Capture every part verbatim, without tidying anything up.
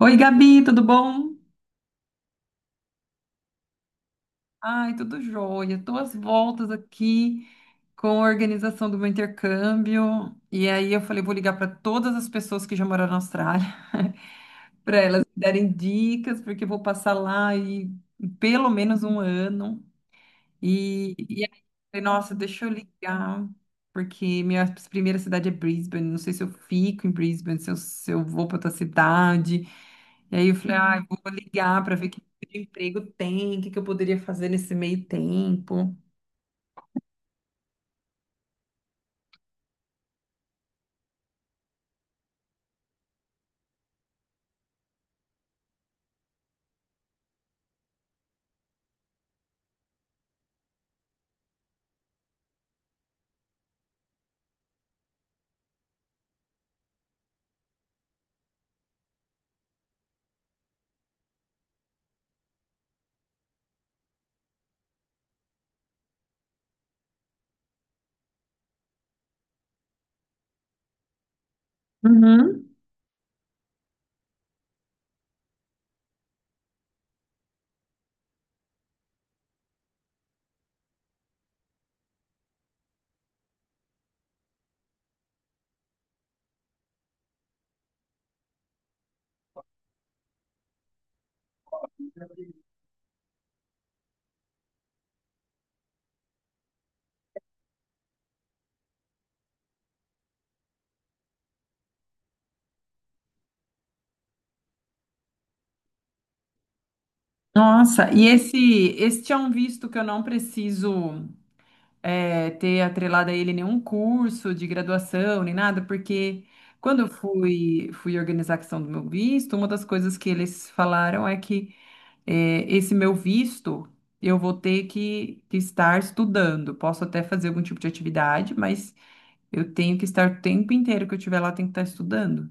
Oi, Gabi, tudo bom? Ai, tudo jóia. Tô às voltas aqui com a organização do meu intercâmbio. E aí eu falei, vou ligar para todas as pessoas que já moraram na Austrália, para elas me darem dicas, porque eu vou passar lá e pelo menos um ano. E, e aí, eu falei, nossa, deixa eu ligar, porque minha primeira cidade é Brisbane, não sei se eu fico em Brisbane, se eu, se eu vou para outra cidade. E aí eu falei, ah, vou ligar para ver que tipo de emprego tem, o que que eu poderia fazer nesse meio tempo. Uhum. Nossa, e esse, esse é um visto que eu não preciso é, ter atrelado a ele nenhum curso de graduação, nem nada, porque quando eu fui, fui, organizar a questão do meu visto, uma das coisas que eles falaram é que é, esse meu visto eu vou ter que, que estar estudando. Posso até fazer algum tipo de atividade, mas eu tenho que estar o tempo inteiro que eu estiver lá, eu tenho que estar estudando.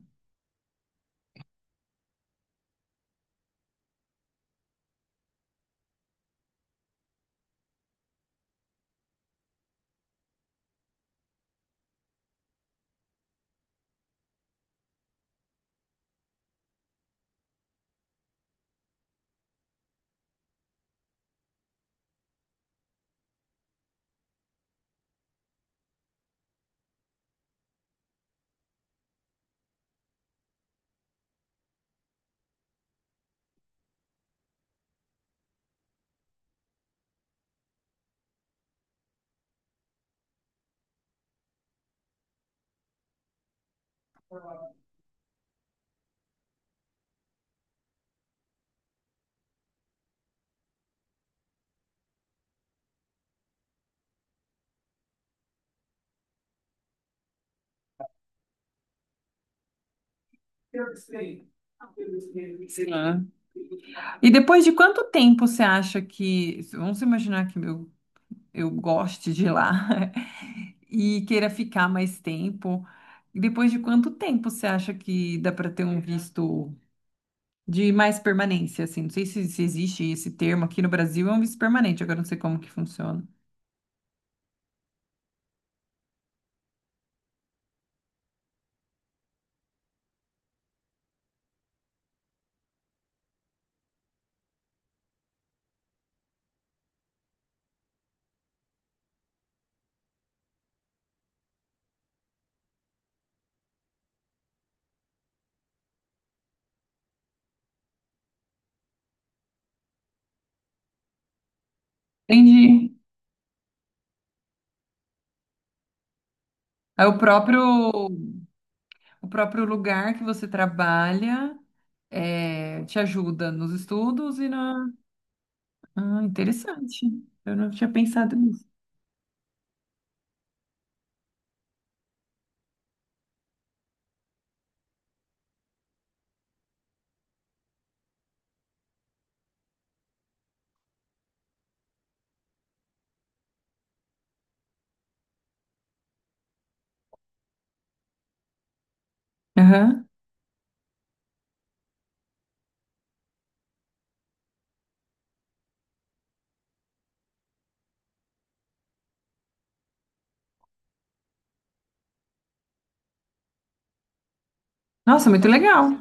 Sim. E depois de quanto tempo você acha que. Vamos imaginar que eu eu goste de ir lá e queira ficar mais tempo. E depois de quanto tempo você acha que dá para ter um visto de mais permanência, assim? Não sei se, se existe esse termo aqui no Brasil, é um visto permanente, agora eu não sei como que funciona. Entendi. É o próprio, o próprio lugar que você trabalha é, te ajuda nos estudos e na... Ah, interessante. Eu não tinha pensado nisso. Aham. Nossa, muito legal.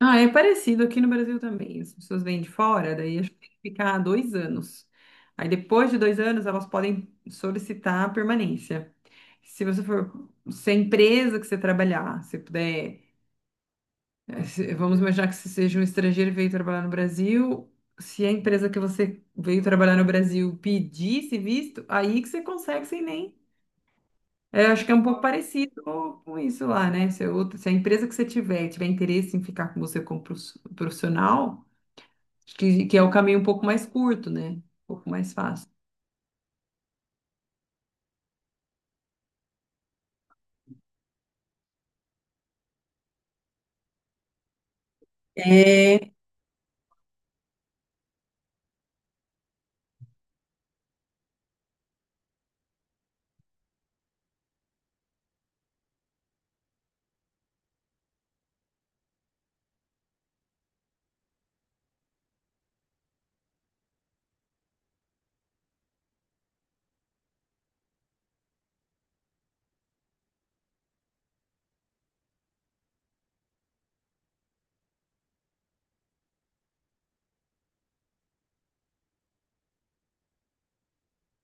Ah, é parecido aqui no Brasil também. As pessoas vêm de fora, daí acho que tem que ficar dois anos. Aí depois de dois anos elas podem solicitar a permanência. Se você for, se a empresa que você trabalhar, se puder, eh, se- vamos imaginar que você seja um estrangeiro e veio trabalhar no Brasil, se a empresa que você veio trabalhar no Brasil pedisse visto, aí que você consegue sem nem. Eu acho que é um pouco parecido com isso lá, né? Se, a outra- se a empresa que você tiver tiver interesse em ficar com você como prof- profissional que, que é o caminho um pouco mais curto, né? Um pouco mais fácil. É,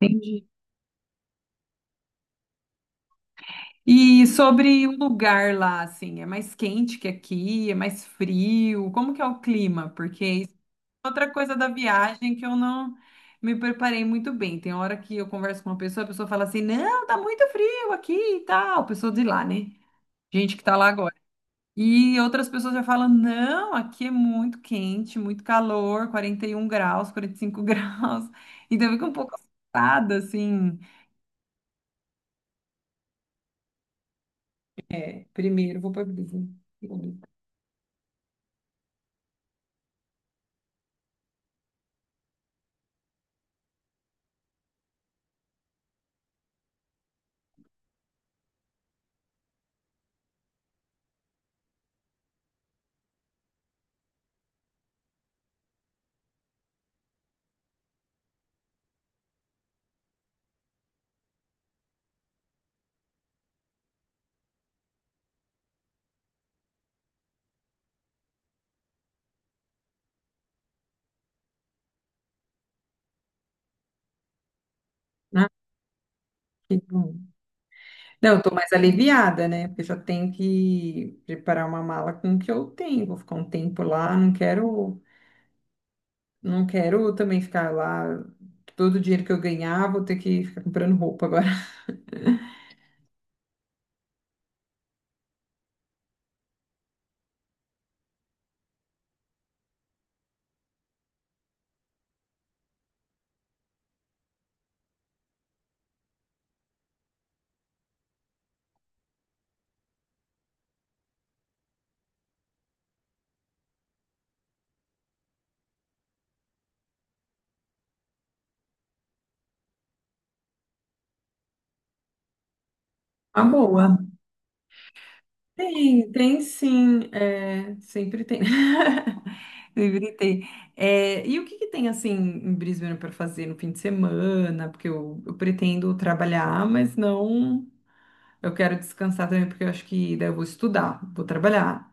entendi. E sobre o lugar lá, assim, é mais quente que aqui, é mais frio? Como que é o clima? Porque isso é outra coisa da viagem que eu não me preparei muito bem. Tem hora que eu converso com uma pessoa, a pessoa fala assim, não, tá muito frio aqui e tal. Pessoa de lá, né? Gente que tá lá agora. E outras pessoas já falam: não, aqui é muito quente, muito calor, quarenta e um graus, quarenta e cinco graus. Então eu fico um pouco assustada, assim. É, primeiro vou para a brisa pública. Ah, que bom. Não, eu tô mais aliviada, né? Porque já tenho que preparar uma mala com o que eu tenho. Vou ficar um tempo lá, não quero, não quero também ficar lá. Todo o dinheiro que eu ganhar, vou ter que ficar comprando roupa agora. Uma boa. Tem, tem sim, é, sempre tem. Sempre tem. É, e o que que tem assim em Brisbane para fazer no fim de semana? Porque eu, eu pretendo trabalhar, mas não. Eu quero descansar também, porque eu acho que daí eu vou estudar, vou trabalhar.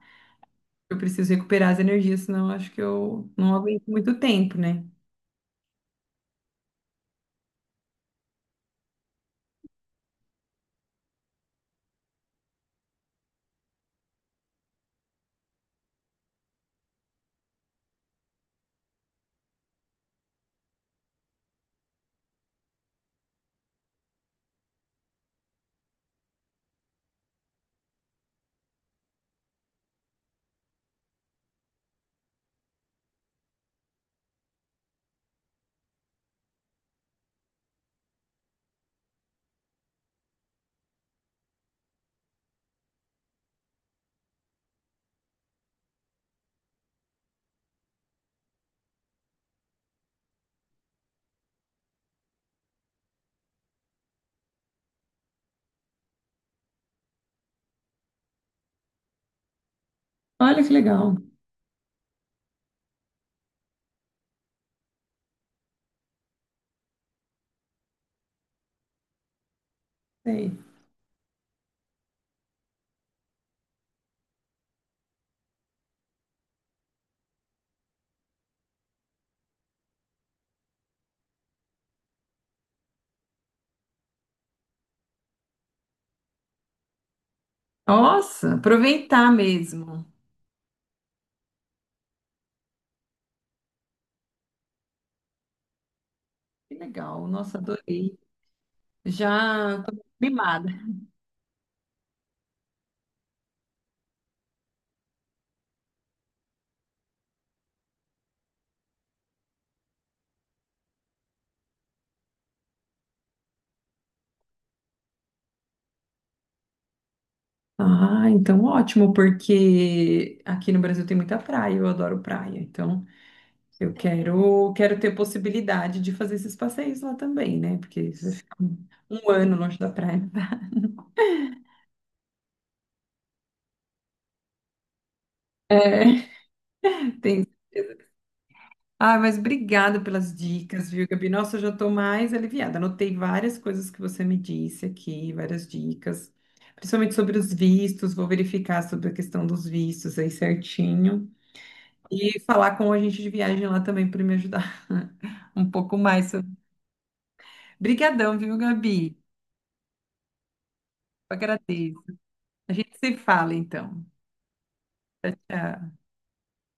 Eu preciso recuperar as energias, senão eu acho que eu não aguento muito tempo, né? Olha que legal. Sei. Nossa, aproveitar mesmo. Que legal. Nossa, adorei. Já tô mimada. Ah, então ótimo, porque aqui no Brasil tem muita praia, eu adoro praia. Então, eu quero, quero ter possibilidade de fazer esses passeios lá também, né? Porque você fica um um ano longe da praia. É, tem. Ah, mas obrigada pelas dicas, viu, Gabi? Nossa, eu já estou mais aliviada. Anotei várias coisas que você me disse aqui, várias dicas, principalmente sobre os vistos. Vou verificar sobre a questão dos vistos aí certinho. E falar com a gente de viagem lá também para me ajudar um pouco mais. Sobre- Brigadão, viu, Gabi? Eu agradeço. A gente se fala então. Tchau.